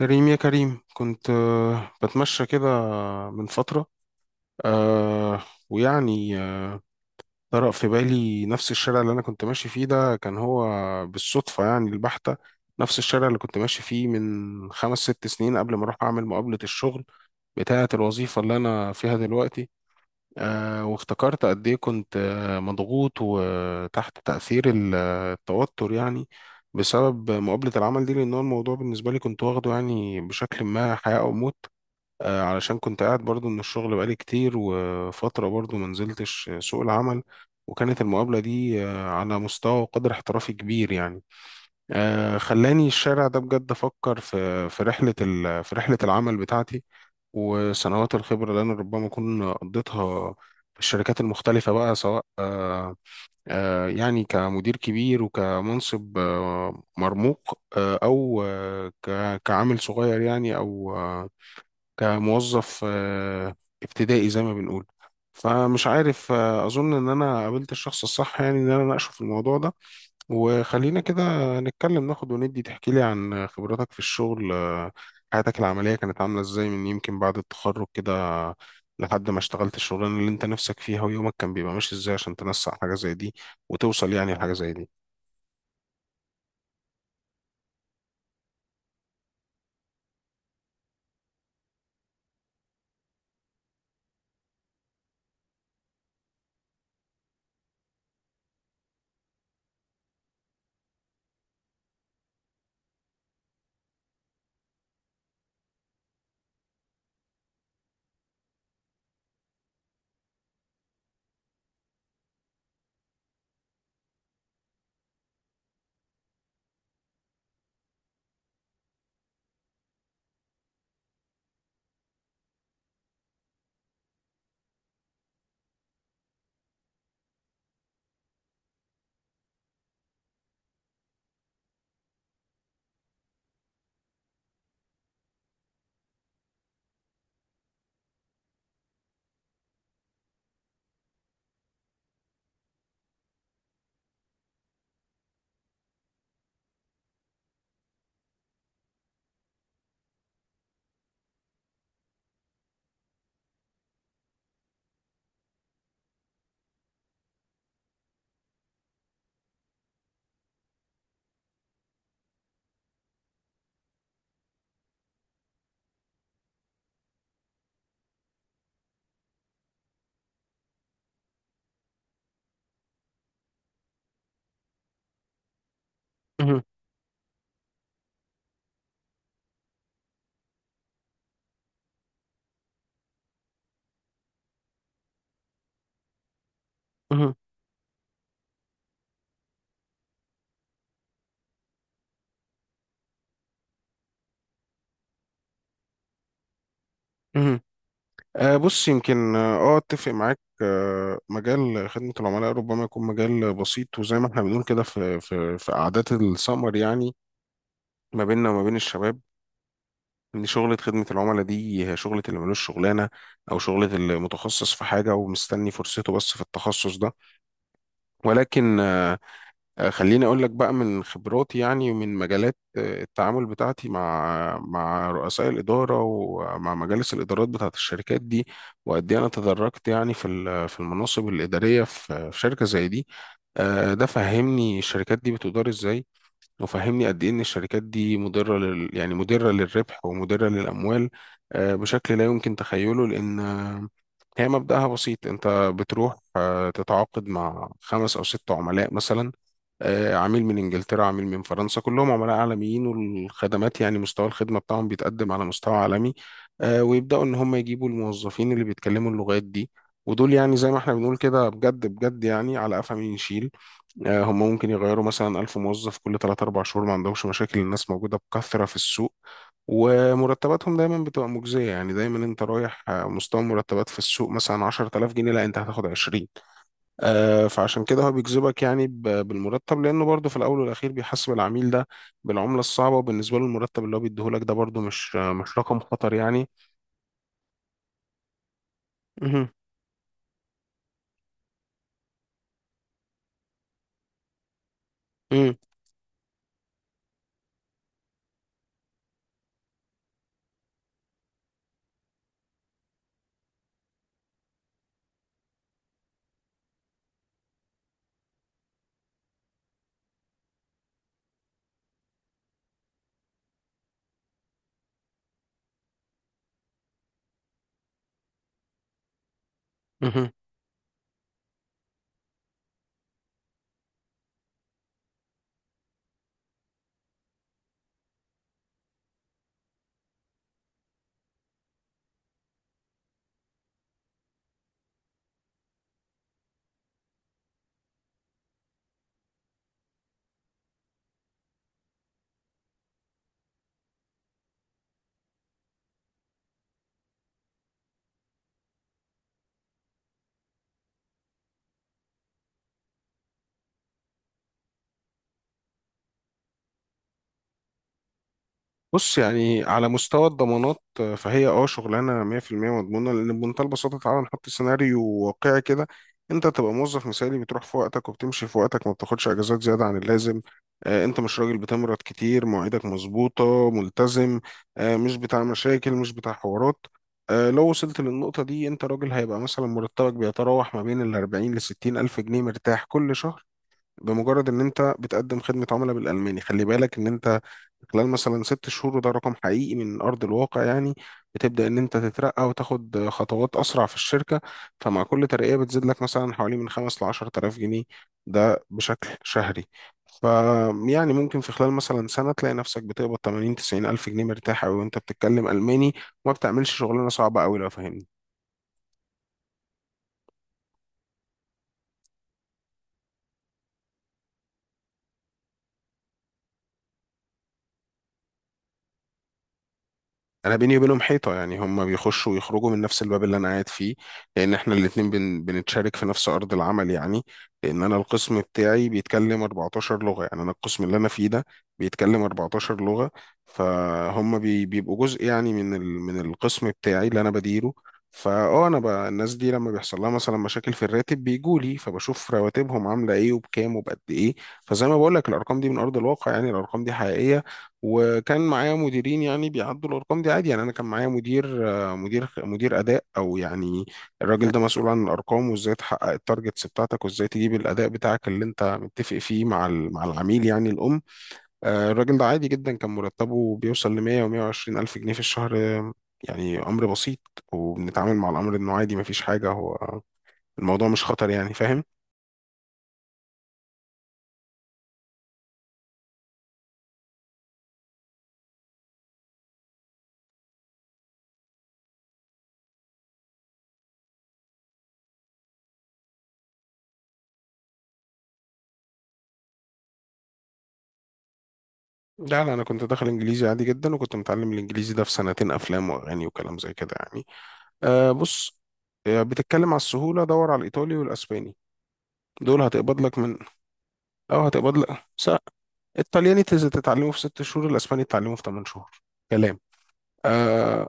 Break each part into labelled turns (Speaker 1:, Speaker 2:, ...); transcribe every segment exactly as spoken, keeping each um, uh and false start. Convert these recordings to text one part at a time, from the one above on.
Speaker 1: كريم، يا كريم، كنت آه، بتمشى كده من فترة. آه، ويعني آه، طرأ في بالي نفس الشارع اللي أنا كنت ماشي فيه، ده كان هو بالصدفة يعني البحتة، نفس الشارع اللي كنت ماشي فيه من خمس ست سنين قبل ما أروح أعمل مقابلة الشغل بتاعة الوظيفة اللي أنا فيها دلوقتي. آه، وافتكرت قد إيه كنت آه، مضغوط وتحت تأثير ال- آه، التوتر يعني، بسبب مقابلة العمل دي، لأن هو الموضوع بالنسبة لي كنت واخده يعني بشكل ما حياة أو موت. آه، علشان كنت قاعد برضو من الشغل بقالي كتير، وفترة برضو ما نزلتش سوق العمل، وكانت المقابلة دي آه، على مستوى وقدر احترافي كبير يعني. آه، خلاني الشارع ده بجد أفكر في في رحلة ال- في رحلة العمل بتاعتي، وسنوات الخبرة اللي أنا ربما أكون قضيتها في الشركات المختلفة، بقى سواء آه، يعني كمدير كبير، وكمنصب آه، مرموق، آه، أو آه، ك- كعامل صغير يعني، أو آه، كموظف آه، ابتدائي زي ما بنقول. فمش عارف، آه، اظن ان انا قابلت الشخص الصح، يعني ان انا اناقشه في الموضوع ده، وخلينا كده نتكلم ناخد وندي. تحكي لي عن خبراتك في الشغل، آه، حياتك العملية كانت عاملة ازاي من يمكن بعد التخرج كده، لحد ما اشتغلت الشغلانة اللي انت نفسك فيها، ويومك كان بيبقى ماشي ازاي عشان تنسق حاجة زي دي وتوصل يعني لحاجة زي دي. مهم. مهم. مهم. آه، بص، يمكن اه آه، اتفق معاك. آه، مجال خدمة العملاء ربما يكون مجال بسيط، وزي ما احنا بنقول كده في في في قعدات السمر يعني، ما بيننا وما بين الشباب، ان شغلة خدمة العملاء دي هي شغلة اللي ملوش شغلانة، او شغلة اللي متخصص في حاجة ومستني فرصته بس في التخصص ده. ولكن آه، آه، خليني اقول لك بقى من خبراتي يعني، ومن مجالات آه، التعامل بتاعتي مع مع رؤساء الاداره، ومع مجالس الادارات بتاعت الشركات دي، وقد ايه انا تدرجت يعني في ال- في المناصب الاداريه في في شركه زي دي. آه، ده فهمني الشركات دي بتدار ازاي، وفهمني قد ايه ان الشركات دي مضره لل... يعني مضره للربح ومضره للاموال، آه، بشكل لا يمكن تخيله، لان آه، هي مبدأها بسيط. انت بتروح آه، تتعاقد مع خمس او ست عملاء مثلا، آه، عميل من انجلترا، عميل من فرنسا، كلهم عملاء عالميين، والخدمات يعني مستوى الخدمه بتاعهم بيتقدم على مستوى عالمي. آه، ويبداوا ان هم يجيبوا الموظفين اللي بيتكلموا اللغات دي، ودول يعني زي ما احنا بنقول كده بجد بجد يعني على قفا مين يشيل. آه، هم ممكن يغيروا مثلا ألف موظف كل ثلاثة أربعة شهور، ما عندهمش مشاكل، الناس موجودة بكثرة في السوق، ومرتباتهم دايما بتبقى مجزية يعني. دايما انت رايح آه، مستوى مرتبات في السوق مثلا عشر آلاف جنيه، لا، انت هتاخد عشرين. آه، فعشان كده هو بيجذبك يعني ب- بالمرتب، لانه برضه في الاول والاخير بيحاسب العميل ده بالعملة الصعبة، وبالنسبة له المرتب اللي هو بيديهولك ده برضه مش آه، مش رقم خطر يعني. مهم. مهم. بص يعني على مستوى الضمانات آه، فهي اه شغلانه مئة في المئة مضمونه، لان بمنتهى البساطه تعالى نحط سيناريو واقعي كده. انت تبقى موظف مثالي، بتروح في وقتك وبتمشي في وقتك، ما بتاخدش اجازات زياده عن اللازم، آه، انت مش راجل بتمرض كتير، مواعيدك مظبوطه، ملتزم، آه، مش بتاع مشاكل، مش بتاع حوارات. آه، لو وصلت للنقطه دي، انت راجل هيبقى مثلا مرتبك بيتراوح ما بين ال اربعين ل ستين الف جنيه مرتاح كل شهر، بمجرد ان انت بتقدم خدمه عملاء بالالماني. خلي بالك ان انت خلال مثلا ست شهور، وده رقم حقيقي من أرض الواقع يعني، بتبدأ إن أنت تترقى وتاخد خطوات أسرع في الشركة. فمع كل ترقية بتزيد لك مثلا حوالي من خمس لعشر آلاف جنيه، ده بشكل شهري. ف يعني ممكن في خلال مثلا سنة تلاقي نفسك بتقبض تمانين تسعين ألف جنيه، مرتاح أوي وأنت بتتكلم ألماني، وما بتعملش شغلانة صعبة أوي، لو فاهمني. انا بيني وبينهم حيطه يعني، هم بيخشوا ويخرجوا من نفس الباب اللي انا قاعد فيه، لان احنا الاثنين بن... بنتشارك في نفس ارض العمل يعني، لان انا القسم بتاعي بيتكلم أربعة عشر لغه. يعني انا القسم اللي انا فيه ده بيتكلم أربعة عشر لغه، فهم بي... بيبقوا جزء يعني من ال... من القسم بتاعي اللي انا بديره. فاه انا ب... الناس دي لما بيحصل لها مثلا مشاكل في الراتب بيجوا لي، فبشوف رواتبهم عامله ايه وبكام وبقد ايه. فزي ما بقول لك الارقام دي من ارض الواقع يعني، الارقام دي حقيقيه. وكان معايا مديرين يعني بيعدوا الارقام دي عادي. يعني انا كان معايا مدير آه، مدير مدير اداء، او يعني الراجل ده مسؤول عن الارقام، وازاي تحقق التارجتس بتاعتك، وازاي تجيب الاداء بتاعك اللي انت متفق فيه مع ال- مع العميل يعني، الام آه، الراجل ده عادي جدا كان مرتبه بيوصل ل مية و مية وعشرين الف جنيه في الشهر. آه، يعني امر بسيط، وبنتعامل مع الامر انه عادي مفيش حاجه. هو الموضوع مش خطر يعني، فاهم. لا، لا، انا كنت داخل انجليزي عادي جدا، وكنت متعلم الانجليزي ده في سنتين، افلام واغاني وكلام زي كده يعني. أه، بص، آه، بتتكلم على السهولة؟ دور على الإيطالي والأسباني، دول هتقبض لك من، أو هتقبض لك س... الطلياني تز- تتعلمه في ست شهور، الأسباني تتعلمه في تمن شهور. كلام. أه.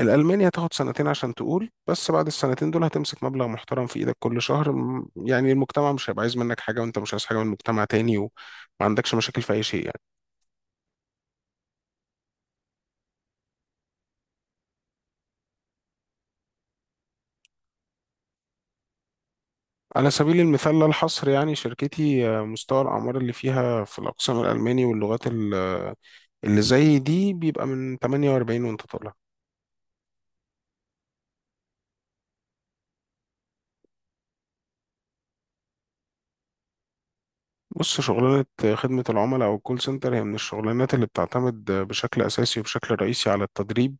Speaker 1: الألماني هتاخد سنتين عشان تقول، بس بعد السنتين دول هتمسك مبلغ محترم في إيدك كل شهر. م- يعني المجتمع مش هيبقى عايز منك حاجة، وأنت مش عايز حاجة من المجتمع تاني، وما عندكش مشاكل في أي شيء يعني. على سبيل المثال لا الحصر يعني، شركتي آه، مستوى الأعمار اللي فيها في الأقسام الألماني واللغات اللي زي دي بيبقى من تمنية واربعين وانت طالع. بص، شغلانة خدمة العملاء أو الكول سنتر هي من الشغلانات اللي بتعتمد بشكل أساسي وبشكل رئيسي على التدريب،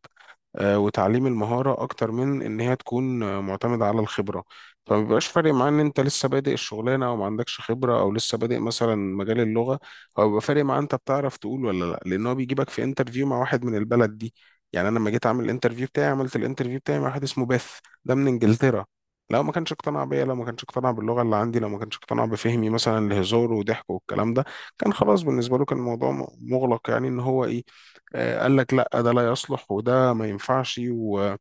Speaker 1: آه، وتعليم المهارة أكتر من إن هي تكون آه، معتمدة على الخبرة. فما بيبقاش فارق معاه إن أنت لسه بادئ الشغلانة، أو ما عندكش خبرة، أو لسه بادئ مثلا مجال اللغة. هو بيبقى فارق معاه أنت بتعرف تقول ولا لأ، لأن هو بيجيبك في انترفيو مع واحد من البلد دي. يعني أنا لما جيت أعمل الانترفيو بتاعي، عملت الانترفيو بتاعي مع واحد اسمه بيث، ده من إنجلترا. لو ما كانش اقتنع بيا، لو ما كانش اقتنع باللغة اللي عندي، لو ما كانش اقتنع بفهمي مثلا لهزار وضحك والكلام ده، كان خلاص بالنسبة له كان الموضوع م- مغلق، يعني ان هو ايه، آه، قال لك لا ده لا يصلح، وده ما ينفعش، ولا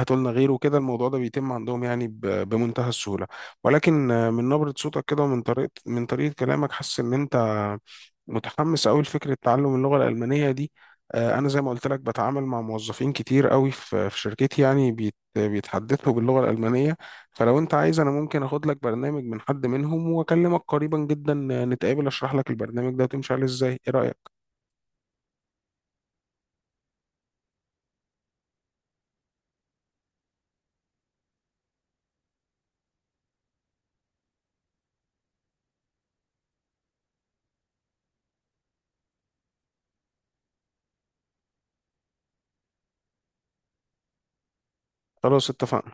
Speaker 1: هاتوا لنا غيره كده. الموضوع ده بيتم عندهم يعني ب- بمنتهى السهولة. ولكن آه، من نبرة صوتك كده، ومن طريقة من طريقة كلامك، حاسس ان انت متحمس قوي لفكرة تعلم اللغة الألمانية دي. آه، انا زي ما قلت لك بتعامل مع موظفين كتير قوي في في شركتي، يعني بيت- بيتحدثوا باللغة الألمانية. فلو انت عايز، انا ممكن اخد لك برنامج من حد منهم، واكلمك قريبا جدا آه، نتقابل اشرح لك البرنامج ده وتمشي عليه ازاي. ايه رأيك؟ خلاص، اتفقنا.